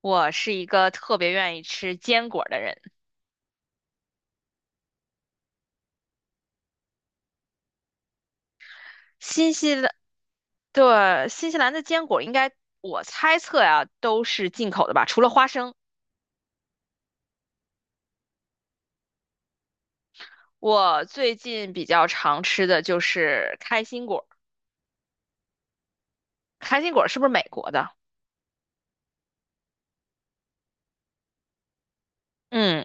我是一个特别愿意吃坚果的人。新西兰，对，新西兰的坚果应该，我猜测呀，都是进口的吧，除了花生。我最近比较常吃的就是开心果，开心果是不是美国的？嗯，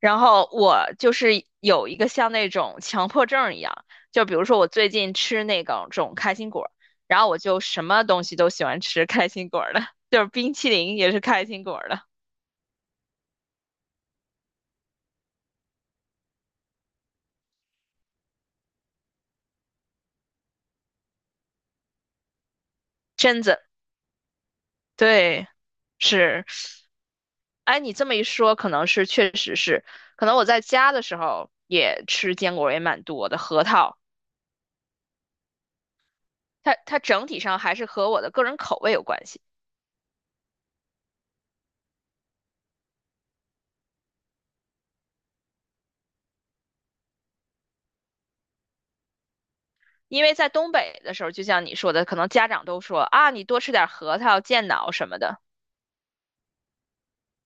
然后我就是有一个像那种强迫症一样，就比如说我最近吃那个种开心果，然后我就什么东西都喜欢吃开心果的，就是冰淇淋也是开心果的，榛子，对。是，哎，你这么一说，可能是确实是，可能我在家的时候也吃坚果也蛮多的，核桃，它整体上还是和我的个人口味有关系。因为在东北的时候，就像你说的，可能家长都说啊，你多吃点核桃健脑什么的，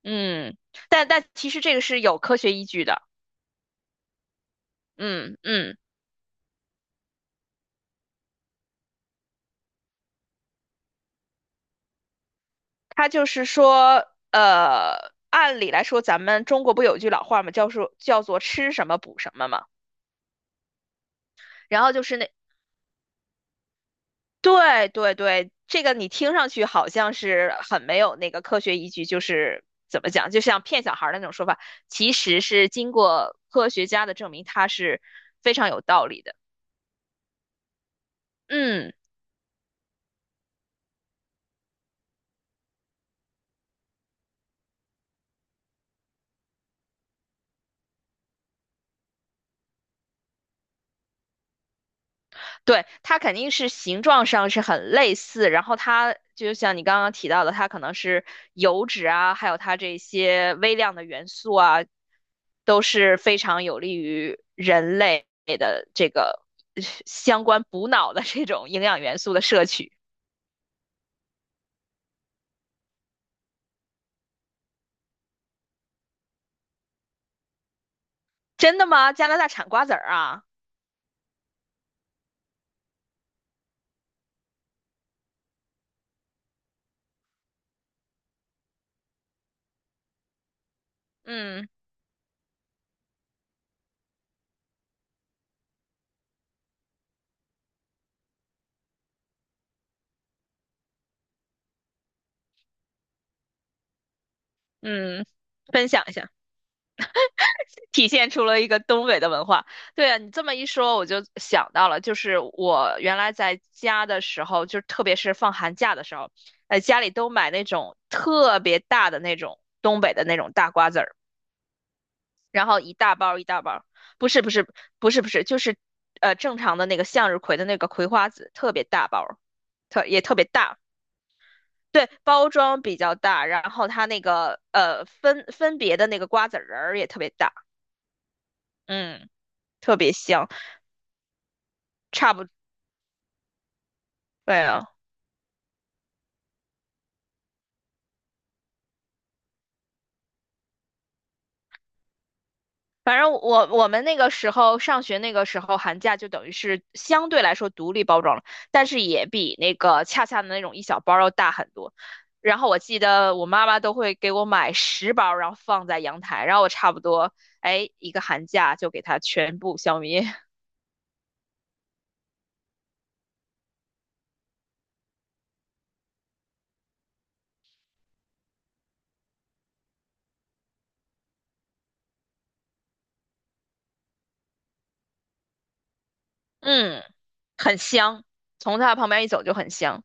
嗯，但其实这个是有科学依据的，嗯嗯，它就是说，按理来说，咱们中国不有一句老话嘛，叫说叫做吃什么补什么嘛。然后就是那对对对，这个你听上去好像是很没有那个科学依据，就是怎么讲，就像骗小孩儿的那种说法，其实是经过科学家的证明，它是非常有道理的。嗯，对，它肯定是形状上是很类似，然后它就像你刚刚提到的，它可能是油脂啊，还有它这些微量的元素啊，都是非常有利于人类的这个相关补脑的这种营养元素的摄取。真的吗？加拿大产瓜子儿啊？嗯嗯，分享一下，体现出了一个东北的文化。对啊，你这么一说，我就想到了，就是我原来在家的时候，就特别是放寒假的时候，家里都买那种特别大的那种东北的那种大瓜子儿，然后一大包一大包，不是不是不是不是，就是正常的那个向日葵的那个葵花籽，特别大包儿，特别大。对，包装比较大，然后它那个分别的那个瓜子仁儿也特别大，嗯，特别香，差不对了。反正我们那个时候上学那个时候寒假就等于是相对来说独立包装了，但是也比那个恰恰的那种一小包要大很多。然后我记得我妈妈都会给我买十包，然后放在阳台，然后我差不多哎一个寒假就给它全部消灭，嗯，很香，从它旁边一走就很香。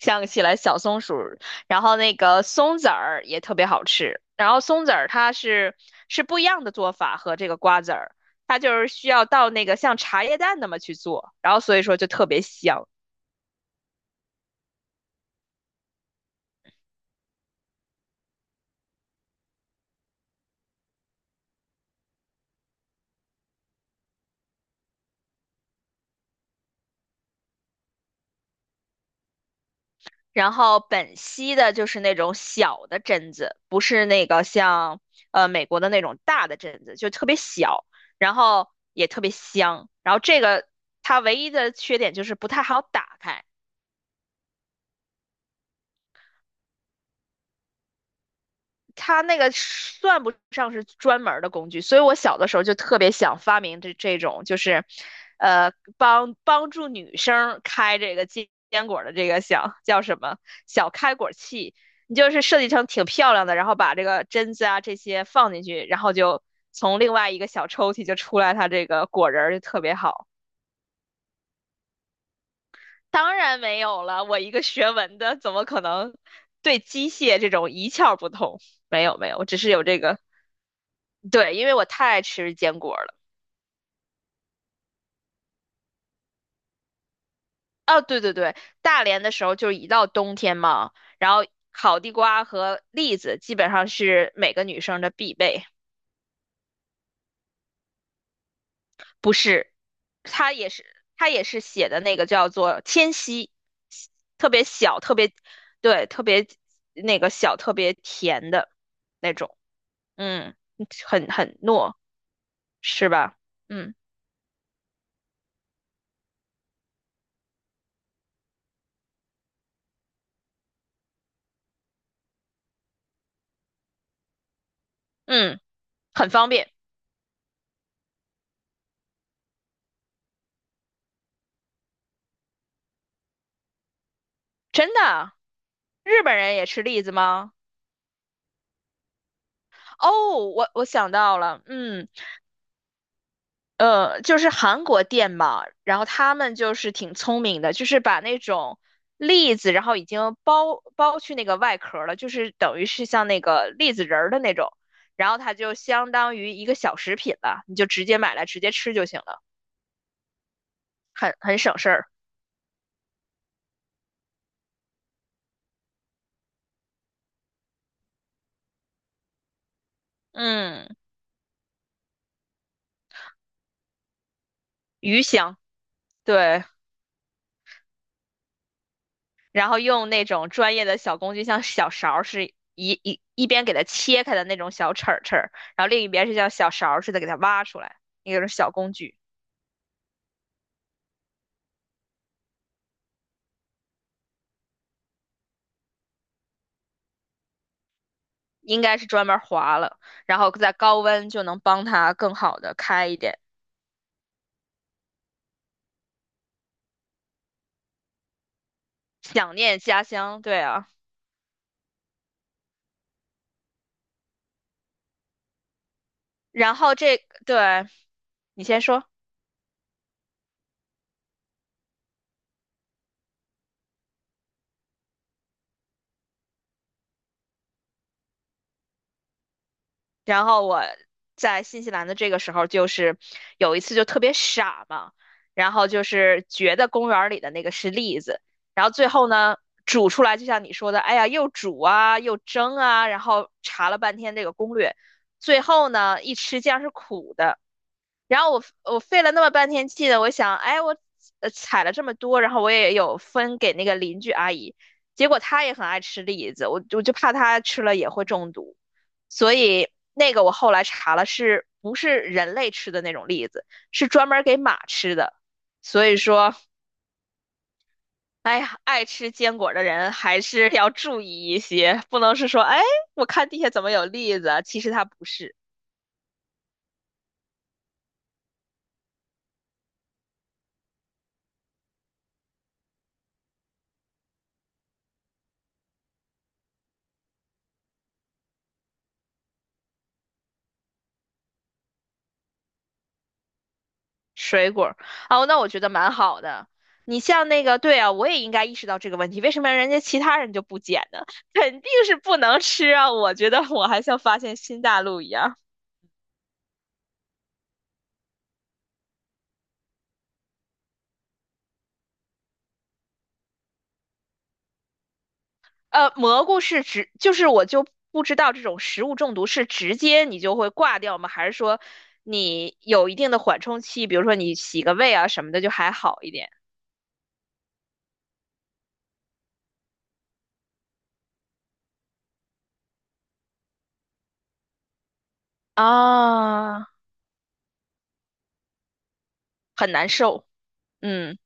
想起来小松鼠，然后那个松子儿也特别好吃。然后松子儿它是不一样的做法和这个瓜子儿，它就是需要到那个像茶叶蛋那么去做，然后所以说就特别香。然后本溪的就是那种小的榛子，不是那个像美国的那种大的榛子，就特别小，然后也特别香。然后这个它唯一的缺点就是不太好打开。它那个算不上是专门儿的工具，所以我小的时候就特别想发明这种，就是，呃，帮助女生开这个坚果的这个小叫什么小开果器，你就是设计成挺漂亮的，然后把这个榛子啊这些放进去，然后就从另外一个小抽屉就出来它这个果仁儿就特别好。当然没有了，我一个学文的怎么可能对机械这种一窍不通？没有没有，我只是有这个。对，因为我太爱吃坚果了。哦，对对对，大连的时候就是一到冬天嘛，然后烤地瓜和栗子基本上是每个女生的必备。不是，它也是它也是写的那个叫做天溪，特别小，特别对，特别那个小，特别甜的那种，嗯，很很糯，是吧？嗯嗯，很方便，真的。日本人也吃栗子吗？哦，我我想到了，嗯，就是韩国店嘛，然后他们就是挺聪明的，就是把那种栗子，然后已经剥去那个外壳了，就是等于是像那个栗子仁儿的那种，然后它就相当于一个小食品了，你就直接买来直接吃就行了，很很省事儿。嗯，鱼香，对，然后用那种专业的小工具，像小勺儿是一边给它切开的那种小齿儿，然后另一边是像小勺儿似的给它挖出来，那种小工具，应该是专门划了，然后在高温就能帮它更好的开一点，想念家乡，对啊，然后这对，你先说。然后我在新西兰的这个时候，就是有一次就特别傻嘛，然后就是觉得公园儿里的那个是栗子，然后最后呢煮出来，就像你说的，哎呀，又煮啊，又蒸啊，然后查了半天这个攻略，最后呢一吃竟然是苦的，然后我费了那么半天气的，我想，哎，我采了这么多，然后我也有分给那个邻居阿姨，结果她也很爱吃栗子，我就怕她吃了也会中毒，所以那个我后来查了，是不是人类吃的那种栗子，是专门给马吃的，所以说，哎呀，爱吃坚果的人还是要注意一些，不能是说，哎，我看地下怎么有栗子啊其实它不是。水果儿哦，那我觉得蛮好的。你像那个，对啊，我也应该意识到这个问题，为什么人家其他人就不捡呢？肯定是不能吃啊！我觉得我还像发现新大陆一样。蘑菇是直，就是我不知道这种食物中毒是直接你就会挂掉吗？还是说你有一定的缓冲期，比如说你洗个胃啊什么的就还好一点啊？很难受，嗯，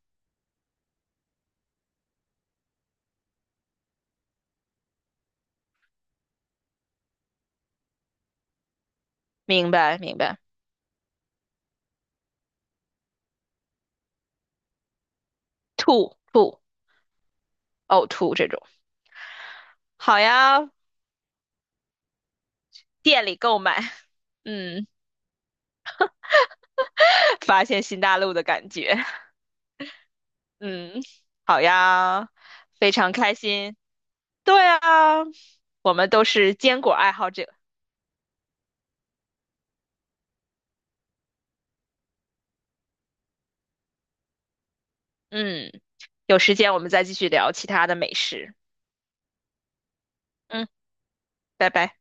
明白明白，吐吐呕吐这种。好呀，店里购买，嗯，发现新大陆的感觉，嗯，好呀，非常开心。对啊，我们都是坚果爱好者，嗯，有时间我们再继续聊其他的美食，嗯，拜拜。